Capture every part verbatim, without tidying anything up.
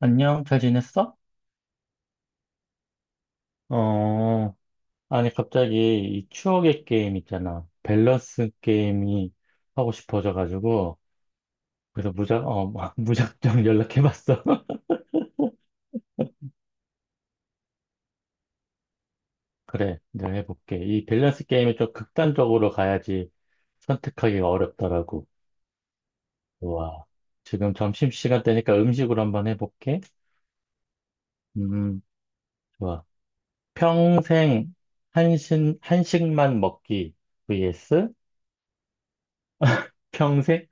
안녕, 잘 지냈어? 어, 아니, 갑자기 이 추억의 게임 있잖아. 밸런스 게임이 하고 싶어져가지고, 그래서 무작, 어, 뭐, 무작정 연락해봤어. 그래, 내가 해볼게. 이 밸런스 게임이 좀 극단적으로 가야지 선택하기가 어렵더라고. 좋아. 지금 점심시간 되니까 음식으로 한번 해볼게. 음, 좋아. 평생 한식, 한식만 먹기 vs 평생,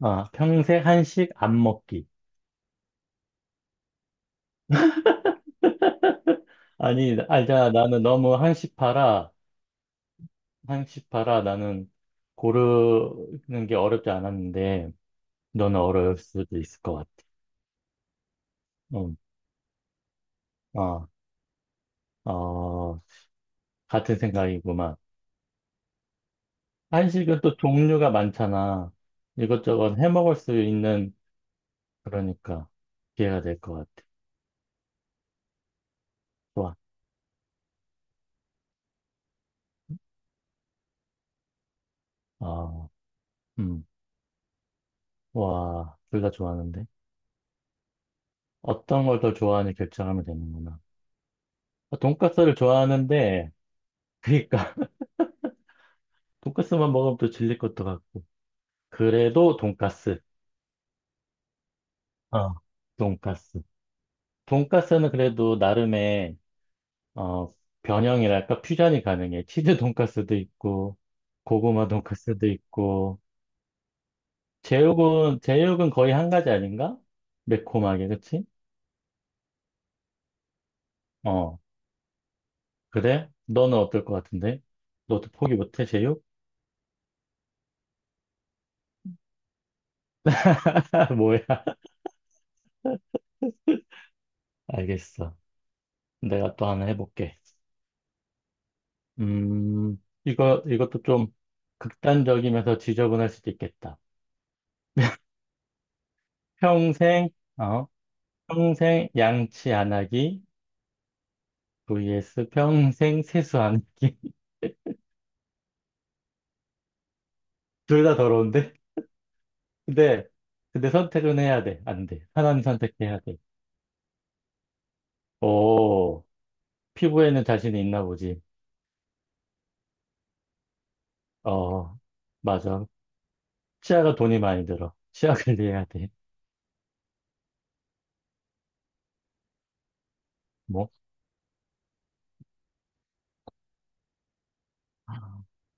아, 평생 한식 안 먹기. 아니, 알자. 나는 너무 한시파라, 한시파라 나는 고르는 게 어렵지 않았는데, 너는 어려울 수도 있을 것 같아. 응, 어, 어, 같은 생각이구만. 한식은 또 종류가 많잖아. 이것저것 해 먹을 수 있는, 그러니까, 기회가 될 것 같아. 좋아. 어, 음, 와, 둘 다 좋아하는데. 어떤 걸 더 좋아하는지 결정하면 되는구나. 돈까스를 좋아하는데, 그러니까 돈까스만 먹으면 또 질릴 것도 같고. 그래도 돈가스, 어, 돈가스. 돈가스는 그래도 나름의 어, 변형이랄까 퓨전이 가능해. 치즈 돈가스도 있고 고구마 돈가스도 있고 제육은 제육은 거의 한 가지 아닌가? 매콤하게, 그치? 어, 그래? 너는 어떨 것 같은데? 너도 포기 못해, 제육? 뭐야? 알겠어. 내가 또 하나 해볼게. 음, 이거, 이것도 좀 극단적이면서 지저분할 수도 있겠다. 평생, 어, 평생 양치 안 하기 vs 평생 세수 안 하기. 둘 다 더러운데? 근데, 근데 선택은 해야 돼. 안 돼. 하나는 선택해야 돼. 오, 피부에는 자신이 있나 보지. 어, 맞아. 치아가 돈이 많이 들어. 치아 관리해야 돼. 뭐?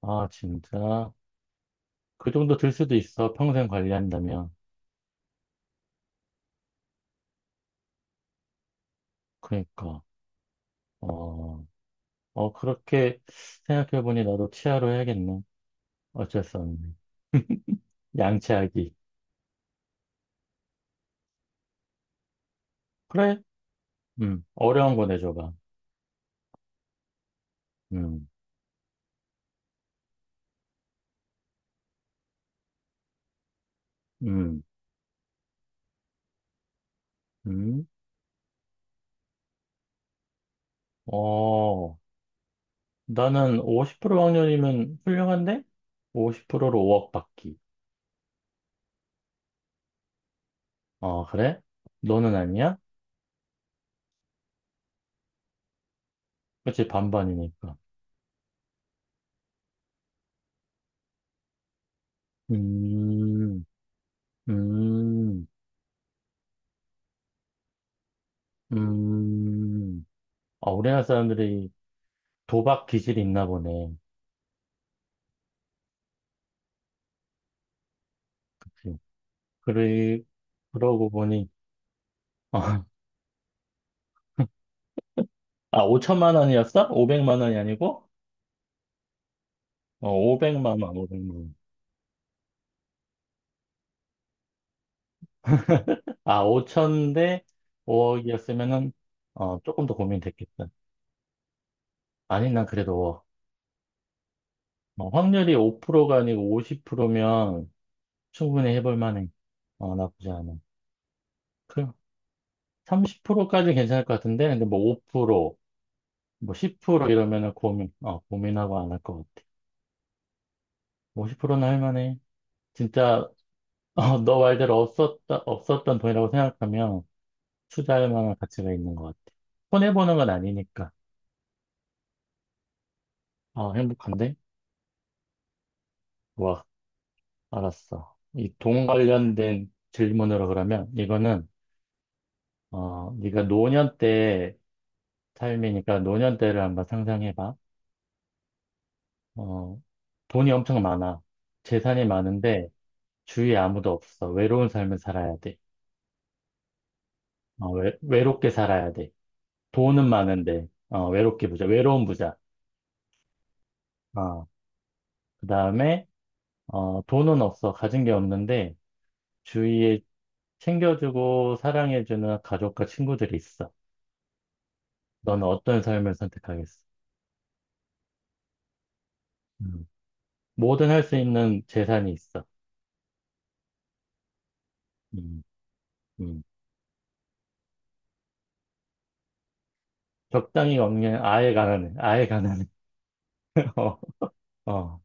아, 진짜. 그 정도 들 수도 있어. 평생 관리한다면. 그러니까. 어, 어, 그렇게 생각해보니 나도 치아로 해야겠네. 어쩔 수 없네. 양치하기. 그래? 음, 어려운 거 내줘봐. 음, 음, 음. 어, 나는 오십 퍼센트 확률이면 훌륭한데? 오십 퍼센트로 오억 받기. 어, 그래? 너는 아니야? 그치, 반반이니까. 음, 음, 음. 아, 우리나라 사람들이 도박 기질이 있나 보네. 그치? 그래, 그러고 보니, 아, 오천만 원이었어? 오백만 원이 아니고? 어, 오백만 원, 오백만 원. 아, 오천 대 오억이었으면은, 어, 조금 더 고민됐겠다. 아니, 난 그래도, 어, 확률이 오 퍼센트가 아니고 오십 퍼센트면 충분히 해볼 만해. 어, 나쁘지 않아. 그, 삼십 퍼센트까지 괜찮을 것 같은데, 근데 뭐 오 퍼센트, 뭐 십 퍼센트 이러면은 고민, 어, 고민하고 안 할 것 같아. 오 십은 할 만해. 진짜, 어, 너 말대로 없었다, 없었던 돈이라고 생각하면 투자할 만한 가치가 있는 것 같아. 손해보는 건 아니니까. 어, 행복한데? 와. 알았어. 이 돈 관련된 질문으로 그러면 이거는 어 네가 노년 때 삶이니까 노년 때를 한번 상상해봐. 어 돈이 엄청 많아. 재산이 많은데 주위에 아무도 없어. 외로운 삶을 살아야 돼. 어, 외, 외롭게 살아야 돼. 돈은 많은데 어 외롭게 부자. 외로운 부자. 어 그다음에 어 돈은 없어. 가진 게 없는데 주위에 챙겨주고 사랑해주는 가족과 친구들이 있어. 너는 어떤 삶을 선택하겠어? 음. 뭐든 할 수 있는 재산이 있어. 음, 음. 적당히 없냐? 아예 가난해. 아예 가난해. 어, 어.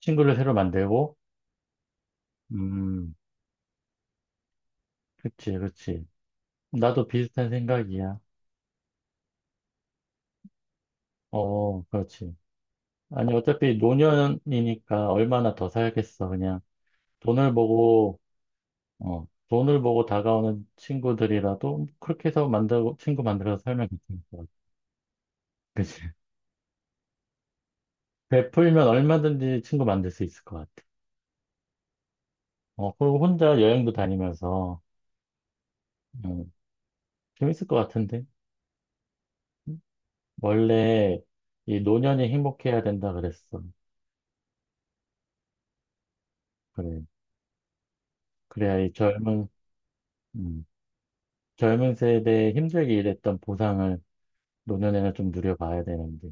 친구를 새로 만들고, 음, 그치, 그치. 나도 비슷한 생각이야. 어, 그렇지. 아니, 어차피 노년이니까 얼마나 더 살겠어, 그냥. 돈을 보고, 어, 돈을 보고 다가오는 친구들이라도 그렇게 해서 만들고, 친구 만들어서 살면 괜찮을 것 같아. 그치. 베풀면 얼마든지 친구 만들 수 있을 것 같아. 어, 그리고 혼자 여행도 다니면서, 어, 재밌을 것 같은데? 원래 이 노년이 행복해야 된다 그랬어. 그래. 그래야 이 젊은, 음, 젊은 세대에 힘들게 일했던 보상을 노년에는 좀 누려봐야 되는데.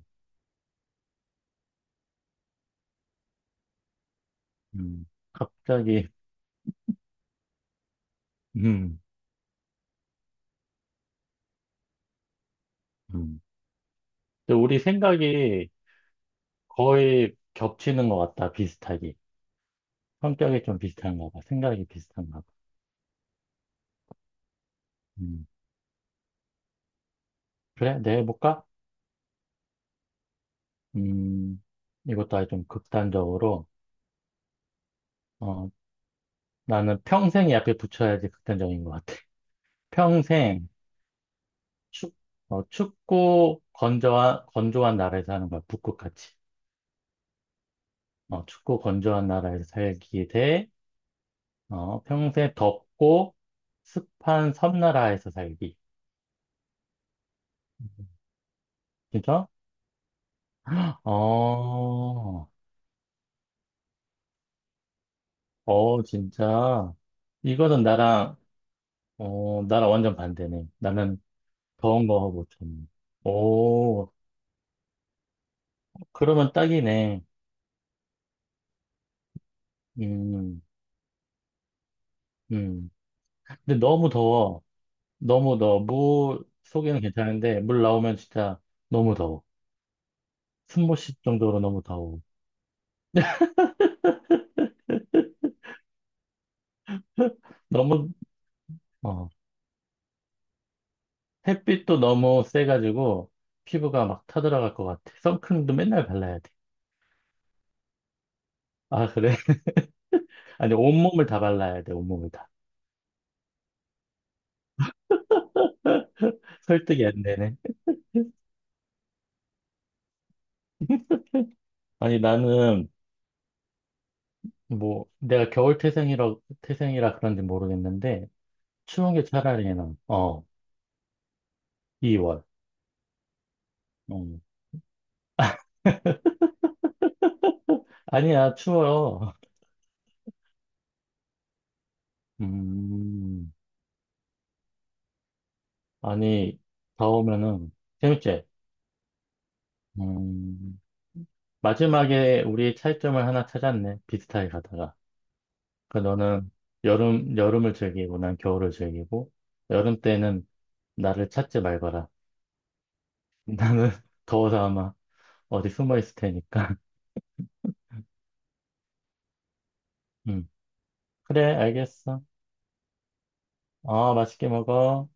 음, 갑자기, 음, 음. 근데 우리 생각이 거의 겹치는 것 같다, 비슷하게. 성격이 좀 비슷한가 봐. 생각이 비슷한가 봐. 음, 그래, 내가 해볼까? 음, 이것도 아주 좀 극단적으로, 어, 나는 평생이 앞에 붙여야지 극단적인 것 같아. 평생 축, 어, 춥고 건조한, 건조한 나라에서 사는 거야. 북극같이. 어, 춥고 건조한 나라에서 살기 대, 어, 평생 덥고 습한 섬나라에서 살기. 진짜? 어, 어, 진짜. 이거는 나랑, 어, 나랑 완전 반대네. 나는 더운 거 못 참네. 오, 그러면 딱이네. 음, 음. 근데 너무 더워. 너무 더워. 무 속에는 괜찮은데, 물 나오면 진짜 너무 더워. 숨못 쉴 정도로 너무 더워. 너무, 어, 햇빛도 너무 세가지고, 피부가 막 타들어갈 것 같아. 선크림도 맨날 발라야 돼. 아, 그래? 아니, 온몸을 다 발라야 돼, 온몸을 다. 설득이 안 되네. 아니, 나는, 뭐, 내가 겨울 태생이라, 태생이라 그런지 모르겠는데, 추운 게 차라리 나. 어, 이월. 아니야, 추워요. 음. 아니, 다 오면은 재밌지? 음, 마지막에 우리 차이점을 하나 찾았네. 비슷하게 가다가. 그 너는 여름, 여름을 즐기고 난 겨울을 즐기고, 여름 때는 나를 찾지 말거라. 나는 더워서 아마 어디 숨어 있을 테니까. 음, 그래, 알겠어. 어, 맛있게 먹어.